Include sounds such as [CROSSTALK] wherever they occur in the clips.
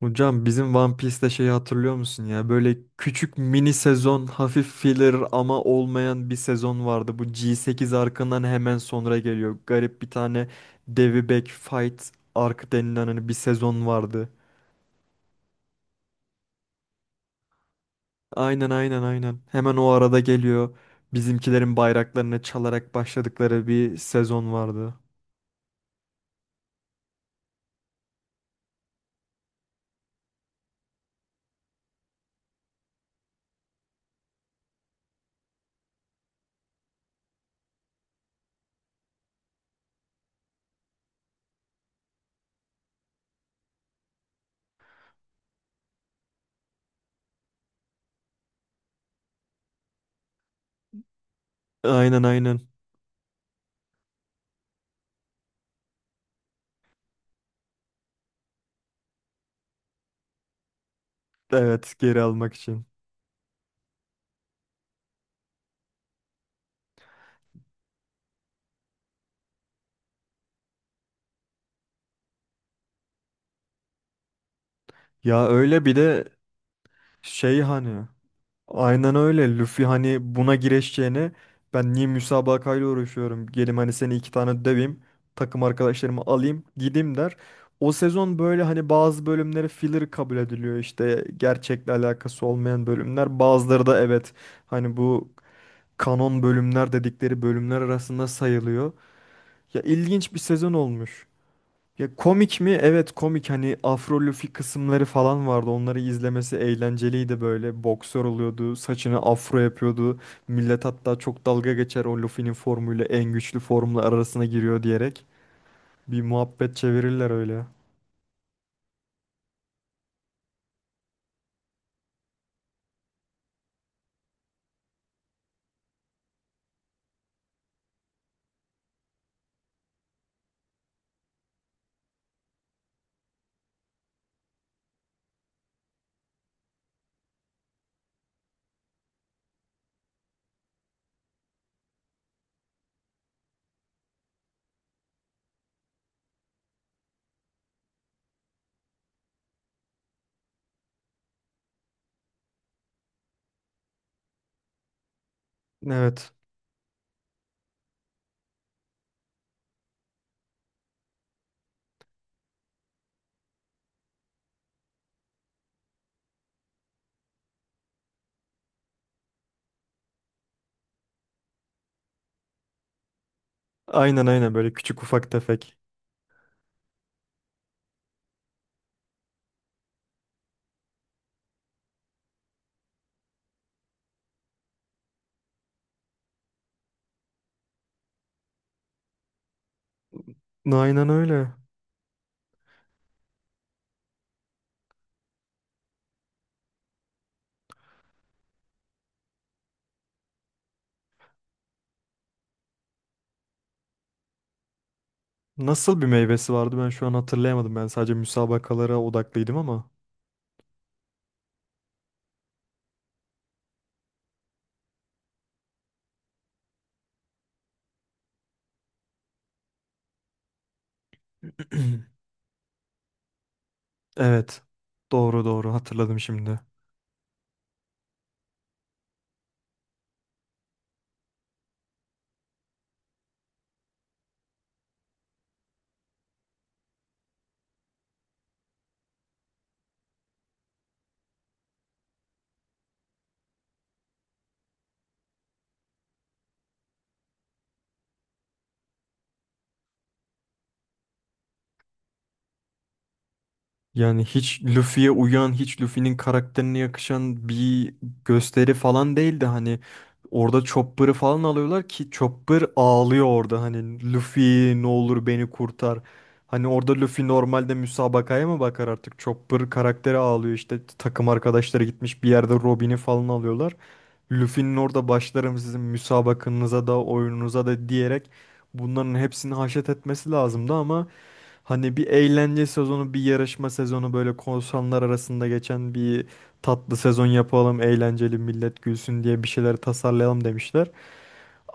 Hocam bizim One Piece'te şeyi hatırlıyor musun ya? Böyle küçük mini sezon, hafif filler ama olmayan bir sezon vardı. Bu G8 arkından hemen sonra geliyor. Garip bir tane Devi Back Fight arc denilen hani bir sezon vardı. Aynen aynen aynen. Hemen o arada geliyor. Bizimkilerin bayraklarını çalarak başladıkları bir sezon vardı. Aynen aynen. Evet, geri almak için. Ya öyle bir de şey hani. Aynen öyle. Luffy hani buna gireşeceğine ben niye müsabakayla uğraşıyorum? Gelim hani seni iki tane döveyim. Takım arkadaşlarımı alayım gideyim der. O sezon böyle hani bazı bölümleri filler kabul ediliyor, işte gerçekle alakası olmayan bölümler. Bazıları da evet, hani bu kanon bölümler dedikleri bölümler arasında sayılıyor. Ya ilginç bir sezon olmuş. Ya komik mi? Evet, komik. Hani Afro kısımları falan vardı. Onları izlemesi eğlenceliydi böyle. Boksör oluyordu. Saçını afro yapıyordu. Millet hatta çok dalga geçer, o Luffy'nin formuyla en güçlü formla arasına giriyor diyerek. Bir muhabbet çevirirler öyle. Evet. Aynen aynen, böyle küçük ufak tefek. Aynen öyle. Nasıl bir meyvesi vardı, ben şu an hatırlayamadım. Ben sadece müsabakalara odaklıydım ama. [CLEARS THROAT] Evet. Doğru doğru, hatırladım şimdi. Yani hiç Luffy'ye uyan, hiç Luffy'nin karakterine yakışan bir gösteri falan değildi. Hani orada Chopper'ı falan alıyorlar ki Chopper ağlıyor orada. Hani Luffy ne olur beni kurtar. Hani orada Luffy normalde müsabakaya mı bakar artık? Chopper karakteri ağlıyor, işte takım arkadaşları gitmiş, bir yerde Robin'i falan alıyorlar. Luffy'nin orada başlarım sizin müsabakanıza da oyununuza da diyerek bunların hepsini haşet etmesi lazımdı ama hani bir eğlence sezonu, bir yarışma sezonu, böyle korsanlar arasında geçen bir tatlı sezon yapalım, eğlenceli, millet gülsün diye bir şeyler tasarlayalım demişler.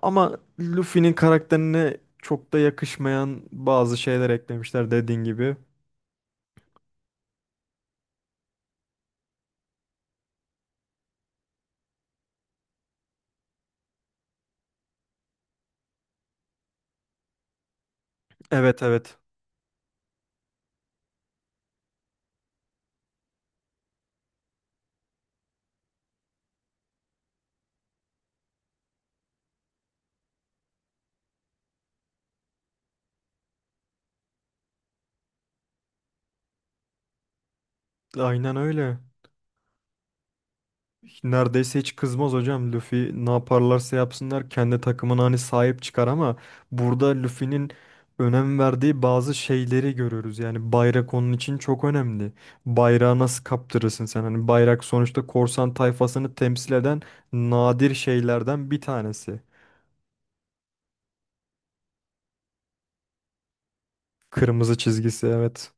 Ama Luffy'nin karakterine çok da yakışmayan bazı şeyler eklemişler, dediğin gibi. Evet evet. Aynen öyle. Neredeyse hiç kızmaz hocam. Luffy ne yaparlarsa yapsınlar kendi takımına hani sahip çıkar ama burada Luffy'nin önem verdiği bazı şeyleri görüyoruz. Yani bayrak onun için çok önemli. Bayrağı nasıl kaptırırsın sen? Hani bayrak sonuçta korsan tayfasını temsil eden nadir şeylerden bir tanesi. Kırmızı çizgisi, evet.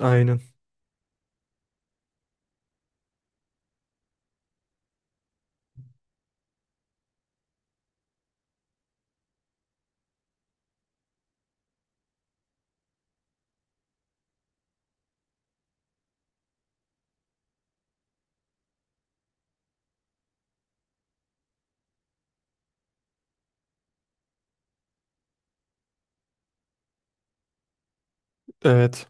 Aynen. Evet.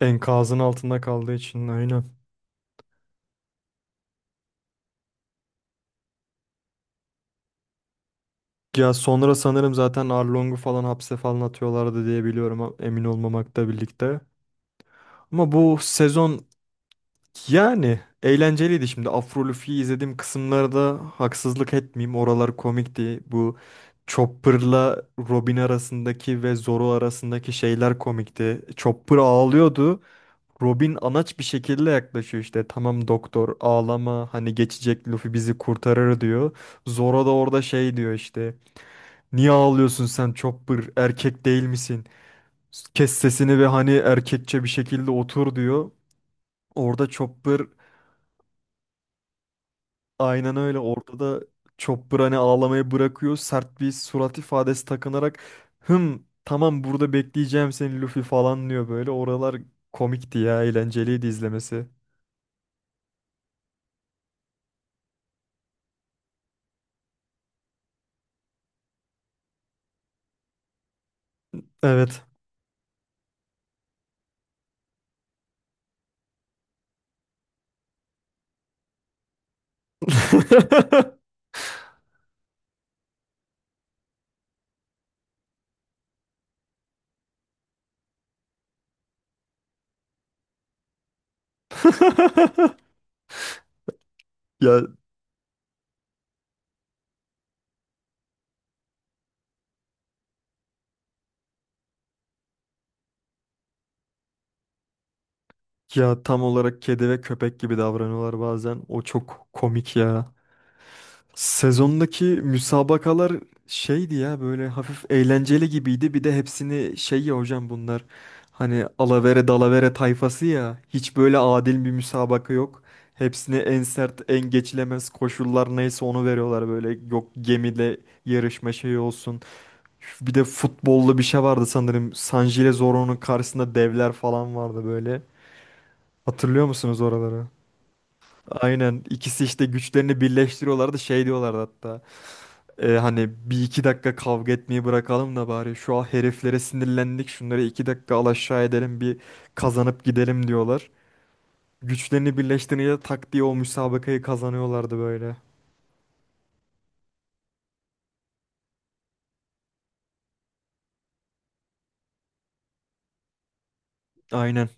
Enkazın altında kaldığı için, aynen. Ya sonra sanırım zaten Arlong'u falan hapse falan atıyorlardı diye biliyorum, emin olmamakla birlikte. Ama bu sezon yani eğlenceliydi şimdi. Afro Luffy'yi izlediğim kısımlarda haksızlık etmeyeyim, oralar komikti. Bu Chopper'la Robin arasındaki ve Zoro arasındaki şeyler komikti. Chopper ağlıyordu. Robin anaç bir şekilde yaklaşıyor işte. Tamam doktor, ağlama, hani geçecek, Luffy bizi kurtarır diyor. Zoro da orada şey diyor işte. Niye ağlıyorsun sen Chopper, erkek değil misin? Kes sesini ve hani erkekçe bir şekilde otur diyor. Orada Chopper, aynen öyle. Orada da Chopper hani ağlamayı bırakıyor. Sert bir surat ifadesi takınarak hım tamam, burada bekleyeceğim seni Luffy falan diyor böyle. Oralar komikti ya. Eğlenceliydi izlemesi. Evet. [LAUGHS] Ya ya tam olarak kedi ve köpek gibi davranıyorlar bazen. O çok komik ya. Sezondaki müsabakalar şeydi ya, böyle hafif eğlenceli gibiydi. Bir de hepsini şey, ya hocam bunlar hani alavere dalavere tayfası ya, hiç böyle adil bir müsabaka yok. Hepsine en sert, en geçilemez koşullar neyse onu veriyorlar, böyle yok gemide yarışma şeyi olsun. Bir de futbollu bir şey vardı sanırım, San Zoro'nun karşısında devler falan vardı böyle. Hatırlıyor musunuz oraları? Aynen, ikisi işte güçlerini birleştiriyorlardı, şey diyorlardı hatta. Hani bir iki dakika kavga etmeyi bırakalım da bari şu an heriflere sinirlendik, şunları iki dakika al aşağı edelim, bir kazanıp gidelim diyorlar. Güçlerini birleştirince tak diye o müsabakayı kazanıyorlardı böyle. Aynen.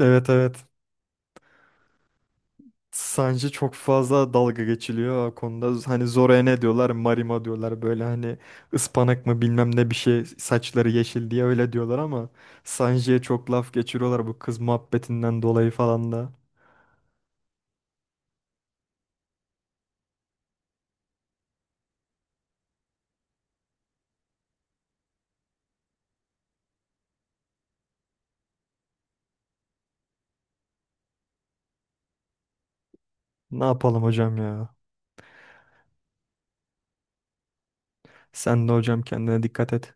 Evet evet. Sanji çok fazla dalga geçiliyor o konuda. Hani Zora'ya ne diyorlar? Marima diyorlar böyle, hani ıspanak mı bilmem ne bir şey, saçları yeşil diye öyle diyorlar ama Sanji'ye çok laf geçiriyorlar bu kız muhabbetinden dolayı falan da. Ne yapalım hocam ya? Sen de hocam kendine dikkat et.